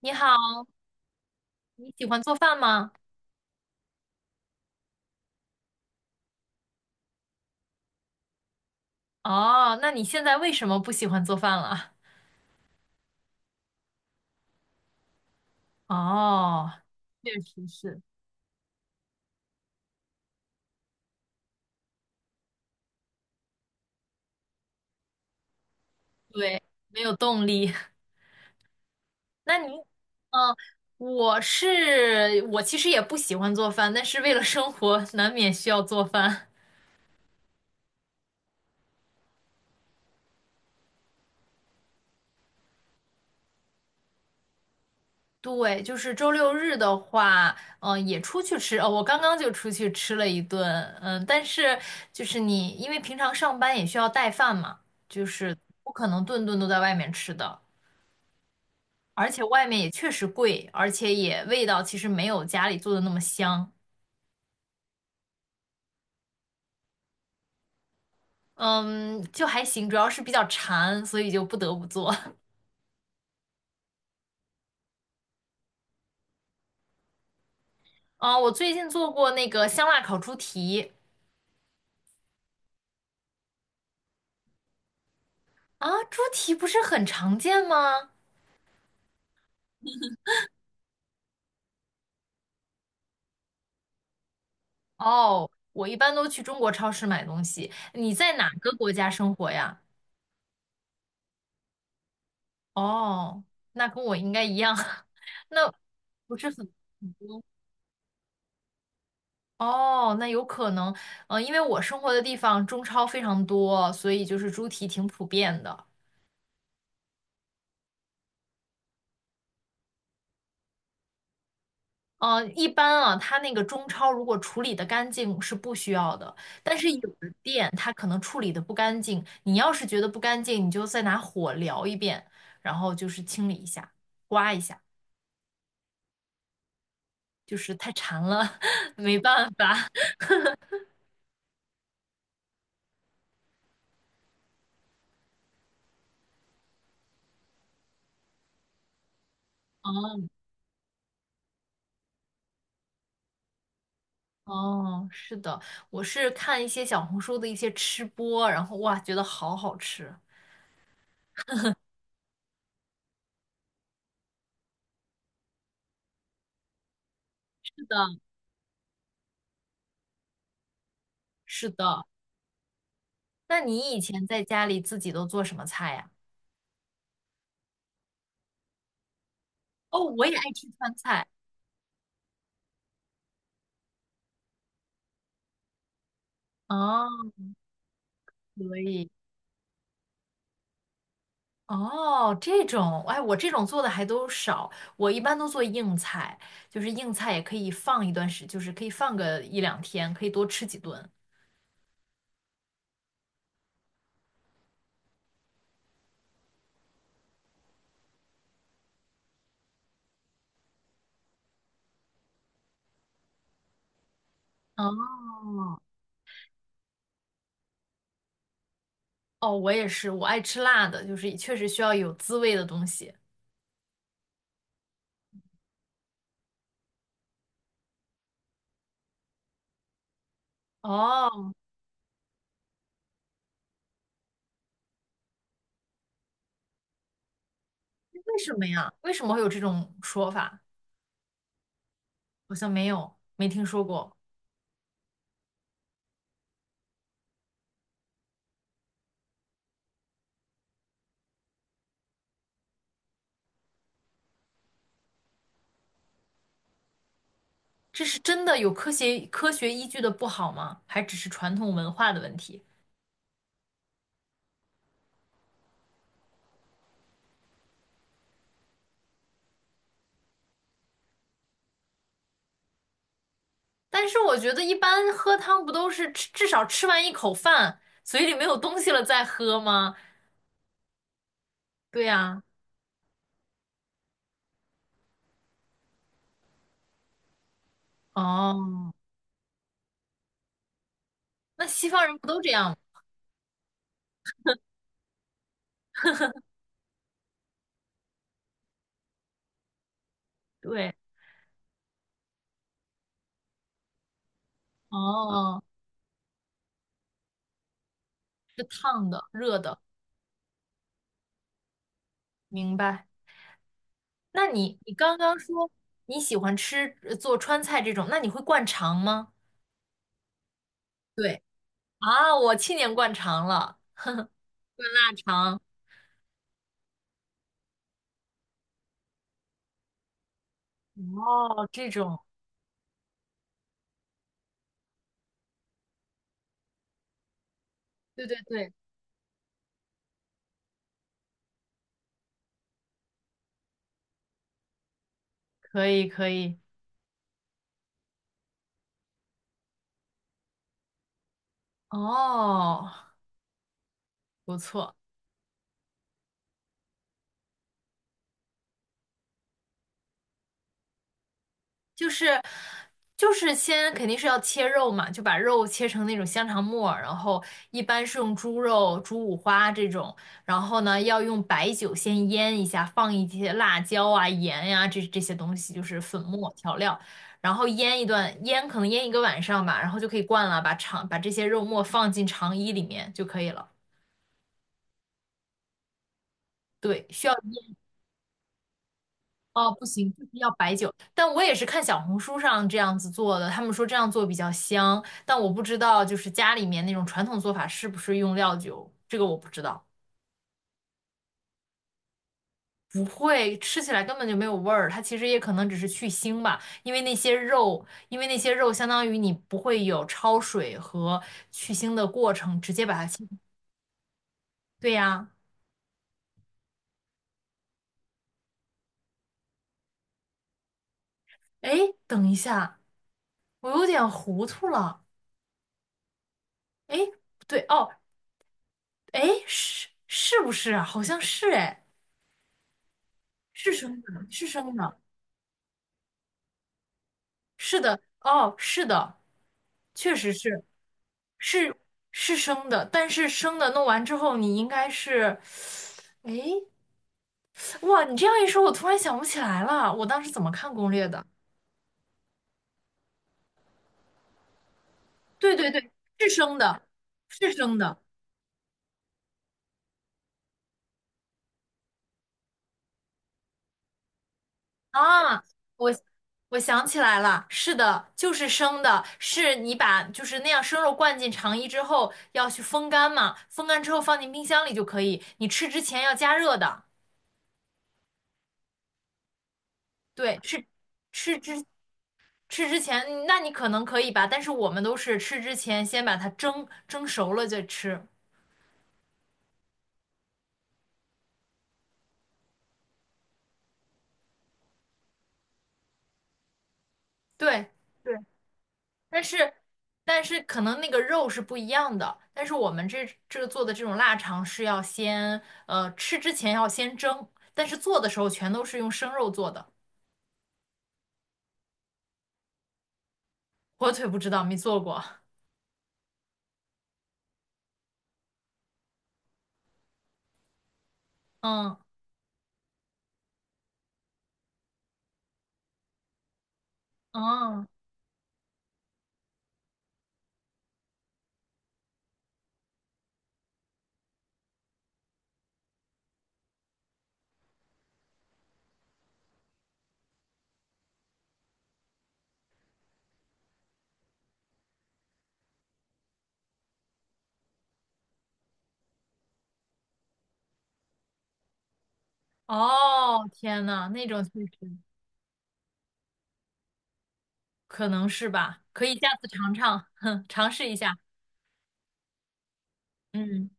你好，你喜欢做饭吗？哦，那你现在为什么不喜欢做饭了？哦，确实是，对，没有动力。那你，嗯，我是，我其实也不喜欢做饭，但是为了生活，难免需要做饭。对，就是周六日的话，也出去吃。哦，我刚刚就出去吃了一顿，嗯，但是就是你，因为平常上班也需要带饭嘛，就是不可能顿顿都在外面吃的。而且外面也确实贵，而且也味道其实没有家里做的那么香。嗯，就还行，主要是比较馋，所以就不得不做。啊，我最近做过那个香辣烤猪蹄啊，猪蹄不是很常见吗？哦，我一般都去中国超市买东西。你在哪个国家生活呀？哦，那跟我应该一样，那不是很多。哦，那有可能，因为我生活的地方中超非常多，所以就是猪蹄挺普遍的。一般啊，它那个中超如果处理的干净是不需要的，但是有的店它可能处理的不干净，你要是觉得不干净，你就再拿火燎一遍，然后就是清理一下，刮一下，就是太馋了，没办法。哦哦，是的，我是看一些小红书的一些吃播，然后哇，觉得好好吃。是的，是的。那你以前在家里自己都做什么菜呀？哦，我也爱吃川菜。哦，可以。哦，这种，哎，我这种做的还都少，我一般都做硬菜，就是硬菜也可以放一段时，就是可以放个一两天，可以多吃几顿。哦，哦，我也是，我爱吃辣的，就是确实需要有滋味的东西。哦，为什么呀？为什么会有这种说法？好像没有，没听说过。这是真的有科学依据的不好吗？还只是传统文化的问题？但是我觉得一般喝汤不都是吃至少吃完一口饭，嘴里没有东西了再喝吗？对呀，哦，那西方人不都这样吗？对，哦，是烫的、热的，明白。那你刚刚说你喜欢吃做川菜这种，那你会灌肠吗？对啊，我去年灌肠了，灌肠。哦，这种，对对对，可以可以。哦，不错，就是就是先肯定是要切肉嘛，就把肉切成那种香肠末，然后一般是用猪肉、猪五花这种，然后呢要用白酒先腌一下，放一些辣椒啊、盐呀、这些东西，就是粉末调料，然后腌一段，腌可能腌一个晚上吧，然后就可以灌了，把肠把这些肉末放进肠衣里面就可以了。对，需要。哦，不行，就是要白酒。但我也是看小红书上这样子做的，他们说这样做比较香，但我不知道就是家里面那种传统做法是不是用料酒，这个我不知道。不会，吃起来根本就没有味儿，它其实也可能只是去腥吧，因为那些肉，因为那些肉相当于你不会有焯水和去腥的过程，直接把它切。对呀，哎，等一下，我有点糊涂了，哎，不对哦，哎，是是不是啊？好像是哎。是生的，是生的，是的，哦，是的，确实是，是是生的，但是生的弄完之后，你应该是，诶，哇，你这样一说，我突然想不起来了，我当时怎么看攻略的？对对对，是生的，是生的啊，我我想起来了，是的，就是生的，是你把就是那样生肉灌进肠衣之后，要去风干嘛，风干之后放进冰箱里就可以，你吃之前要加热的。对，吃吃之吃之前，那你可能可以吧，但是我们都是吃之前先把它蒸熟了再吃。对，对，但是可能那个肉是不一样的，但是我们这个做的这种腊肠是要先吃之前要先蒸，但是做的时候全都是用生肉做的，火腿不知道没做过。嗯嗯哦，天呐，那种确实可能是吧，可以下次尝尝，哼，尝试一下。嗯。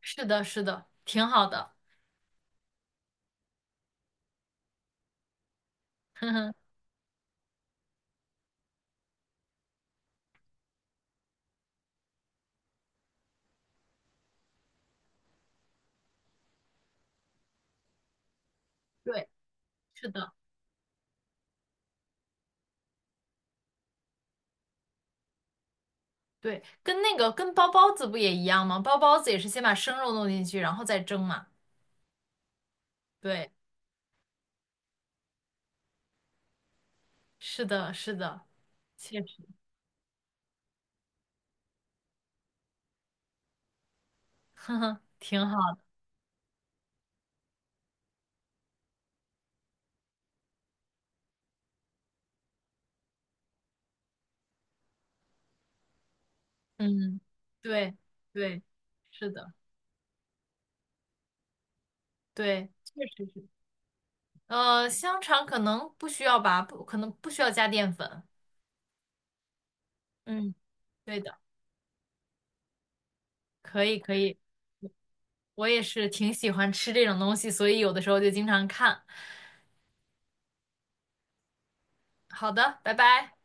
是的，是的，挺好的，哼哼，对，是的，对，跟那个跟包包子不也一样吗？包包子也是先把生肉弄进去，然后再蒸嘛。对，是的，是的，确实，哼哼，挺好的，嗯，对，对，是的，对，确实是。香肠可能不需要吧，不，可能不需要加淀粉。嗯，对的，可以，可以，我也是挺喜欢吃这种东西，所以有的时候就经常看。好的，拜拜。